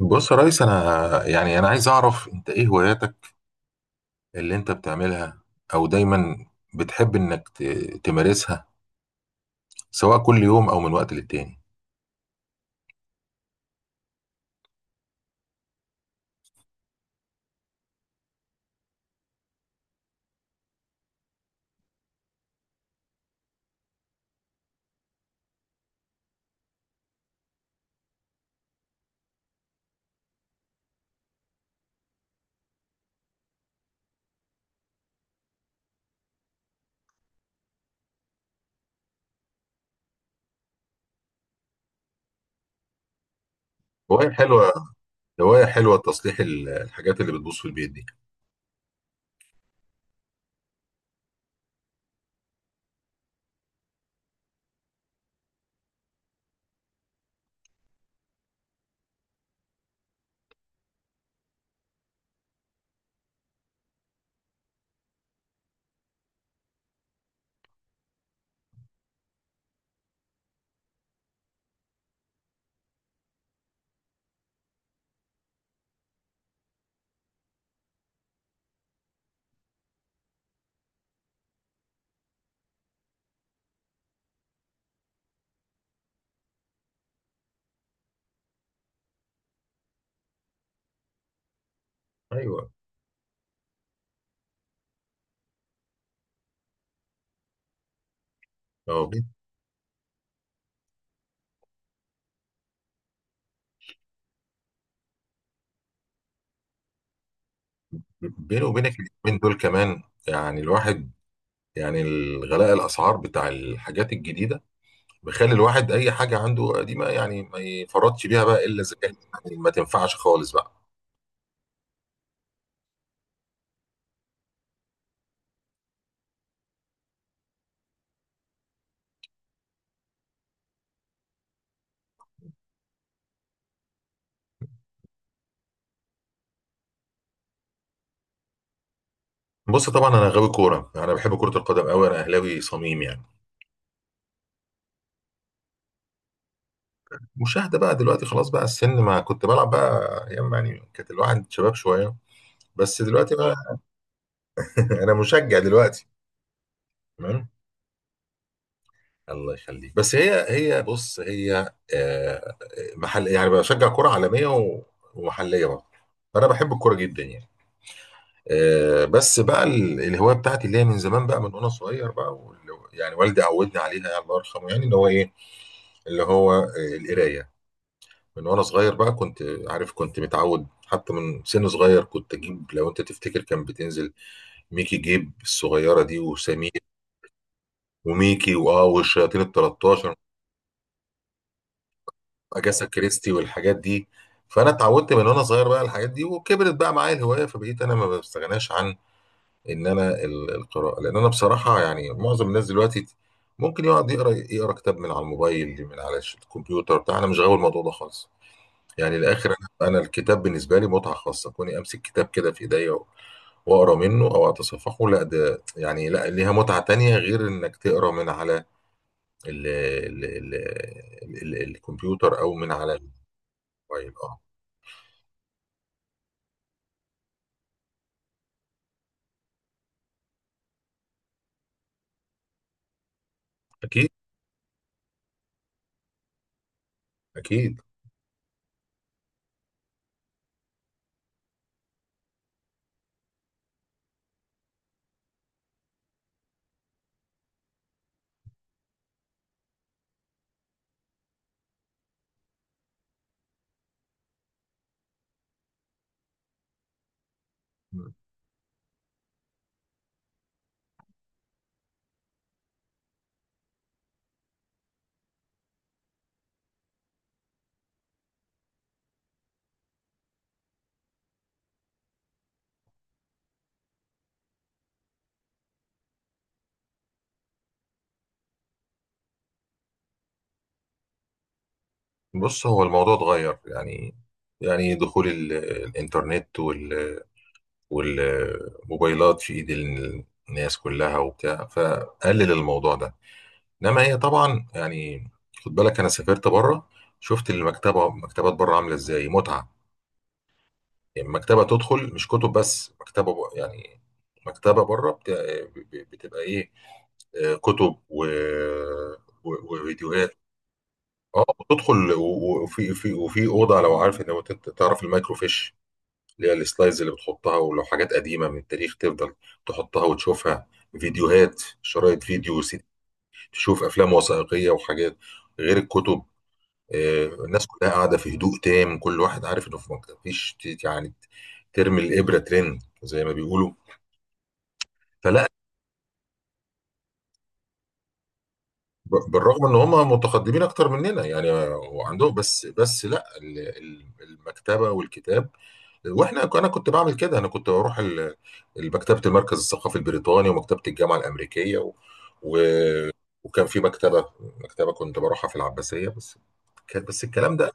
بص يا ريس، انا عايز اعرف، انت ايه هواياتك اللي انت بتعملها او دايما بتحب انك تمارسها، سواء كل يوم او من وقت للتاني. هواية حلوة. هواية حلوة تصليح الحاجات اللي بتبوظ في البيت دي. ايوه. هو بين- بيني وبينك اليومين دول كمان يعني الواحد، يعني الغلاء الاسعار بتاع الحاجات الجديده بيخلي الواحد اي حاجه عنده قديمه يعني ما يفرطش بيها بقى الا اذا كانت يعني ما تنفعش خالص بقى. بص طبعا انا غاوي كوره، يعني انا بحب كره القدم قوي، انا اهلاوي صميم يعني. مشاهده بقى دلوقتي، خلاص بقى السن، ما كنت بلعب بقى ايام، يعني كانت الواحد شباب شويه، بس دلوقتي بقى. انا مشجع دلوقتي. تمام. الله يخليك، بس هي بص، هي محل يعني بشجع كره عالميه ومحليه برضه، فانا بحب الكوره جدا يعني. بس بقى الهوايه بتاعتي اللي هي من زمان بقى من وانا صغير بقى يعني والدي عودني عليها، يعني الله يرحمه، يعني اللي هو ايه، اللي هو القرايه. من وانا صغير بقى كنت عارف، كنت متعود حتى من سن صغير، كنت اجيب لو انت تفتكر كان بتنزل ميكي جيب الصغيره دي، وسمير وميكي واه والشياطين ال 13، اجاسا كريستي والحاجات دي. فانا اتعودت من وانا صغير بقى على الحاجات دي، وكبرت بقى معايا الهوايه، فبقيت انا ما بستغناش عن ان انا القراءه. لان انا بصراحه يعني معظم الناس دلوقتي ممكن يقعد يقرا كتاب من على الموبايل، من على الكمبيوتر بتاع. انا مش غاوي الموضوع ده خالص يعني الاخر. انا الكتاب بالنسبه لي متعه خاصه، كوني امسك كتاب كده في ايديا واقرا منه او اتصفحه، لا ده يعني لا ليها متعه تانية غير انك تقرا من على ال ال ال ال الكمبيوتر او من على الموبايل، اه. اكيد. اكيد. بص هو الموضوع اتغير يعني، يعني دخول الانترنت والموبايلات في ايد الناس كلها وبتاع، فقلل الموضوع ده. انما هي طبعا يعني خد بالك انا سافرت بره، شفت المكتبه، مكتبات بره عامله ازاي متعه. يعني مكتبه تدخل مش كتب بس، مكتبه يعني مكتبه بره بتبقى ايه؟ كتب وفيديوهات. اه، وتدخل وفي وفي اوضه، لو عارف، لو انت تعرف المايكرو فيش اللي هي السلايدز اللي بتحطها، ولو حاجات قديمه من التاريخ تفضل تحطها وتشوفها. فيديوهات، تشوف افلام وثائقيه وحاجات غير الكتب. الناس كلها قاعده في هدوء تام، كل واحد عارف انه في مكان مفيش يعني ترمي الابره ترن، زي ما بيقولوا. فلا، بالرغم ان هم متقدمين اكتر مننا يعني، وعندهم، بس لا المكتبه والكتاب. واحنا انا كنت بعمل كده، انا كنت بروح مكتبه المركز الثقافي البريطاني، ومكتبه الجامعه الامريكيه و... وكان في مكتبه، مكتبه كنت بروحها في العباسيه بس. بس الكلام ده،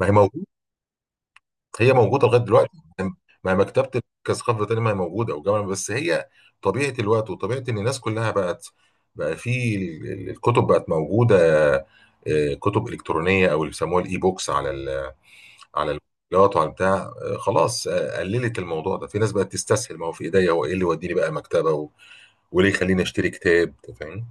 ما هي موجود، هي موجوده لغايه دلوقتي. ما مكتبه كثقافه تانية ما هي موجوده، وجامعه، بس هي طبيعه الوقت وطبيعه ان الناس كلها بقت، بقى في الكتب بقت موجوده كتب الكترونيه، او اللي بيسموها الاي بوكس، على ال، على الفيديوهات وعلى بتاع. خلاص، قللت الموضوع ده. في ناس بقت تستسهل، ما هو في ايديا، هو ايه اللي يوديني بقى مكتبه وليه يخليني اشتري كتاب؟ أنت فاهم.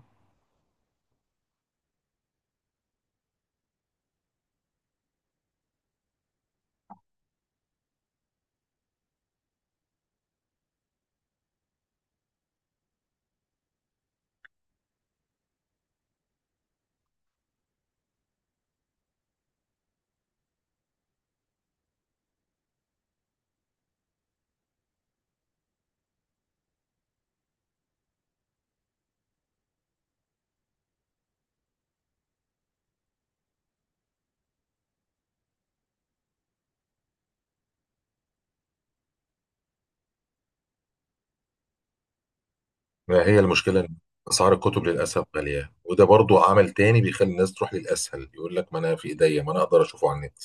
ما هي المشكله إن اسعار الكتب للاسف غاليه، وده برضو عمل تاني بيخلي الناس تروح للاسهل. يقول لك ما انا في ايديا، ما انا اقدر اشوفه على النت،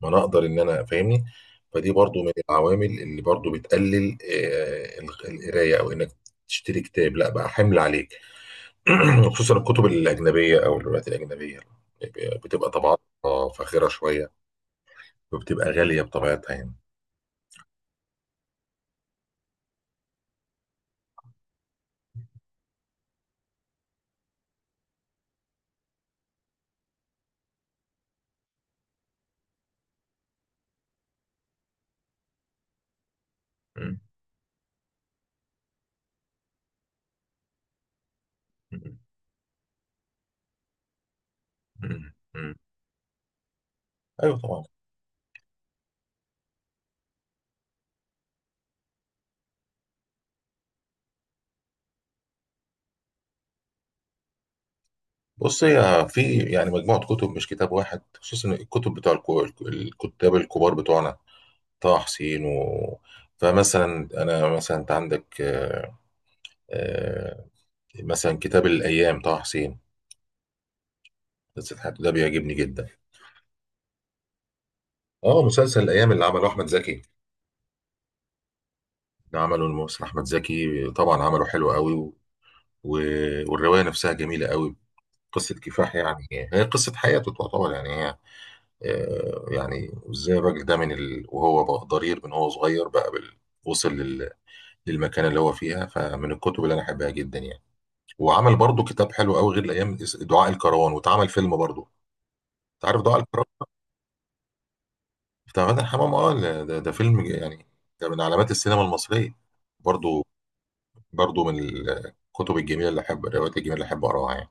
ما انا اقدر ان انا فاهمني. فدي برضو من العوامل اللي برضو بتقلل القرايه، او انك تشتري كتاب، لا بقى حمل عليك. خصوصا الكتب الاجنبيه او الروايات الاجنبيه بتبقى طبعاتها فاخره شويه، وبتبقى غاليه بطبيعتها يعني. مم. مم. مم. مم. ايوه طبعا. بص هي في يعني مجموعه كتب، مش كتاب واحد، خصوصا الكتب بتوع الكتاب الكبار بتوعنا، طه حسين فمثلا انا، مثلا انت عندك آه، مثلا كتاب الأيام، طه حسين، قصة حياته، ده بيعجبني جدا. اه، مسلسل الأيام اللي عمله أحمد زكي، اللي عمله الممثل أحمد زكي، طبعا عمله حلو قوي و... والرواية نفسها جميلة قوي. قصة كفاح يعني، هي قصة حياته تعتبر يعني هي يعني ازاي الراجل ده من وهو بقى ضرير من هو صغير بقى وصل للمكانة اللي هو فيها. فمن الكتب اللي أنا أحبها جدا يعني. وعمل برضه كتاب حلو قوي غير الأيام، دعاء الكروان، واتعمل فيلم برضه. أنت عارف دعاء الكروان؟ بتاع مدحت حمام، اه، ده فيلم يعني ده من علامات السينما المصرية برضو. برضو من الكتب الجميلة اللي أحب، الروايات الجميلة اللي أحب أقراها يعني.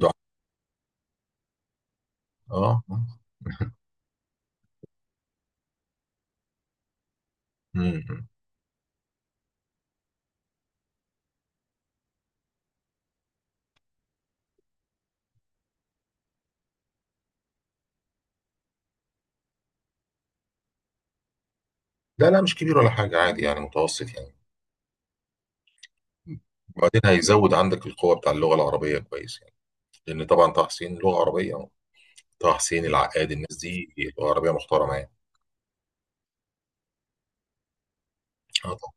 ده- اه. مم. لا لا، مش كبير ولا حاجة، عادي يعني متوسط يعني. وبعدين هيزود عندك القوة بتاع اللغة العربية كويس يعني، لأن طبعا طه حسين لغة عربية، طه حسين العقاد الناس دي لغة عربية محترمة يعني. اه طبعا.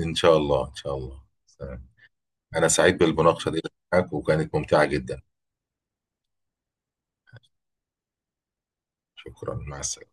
إن شاء الله إن شاء الله، سلام. أنا سعيد بالمناقشة دي معاك وكانت ممتعة جدا. شكرا، مع السلامة.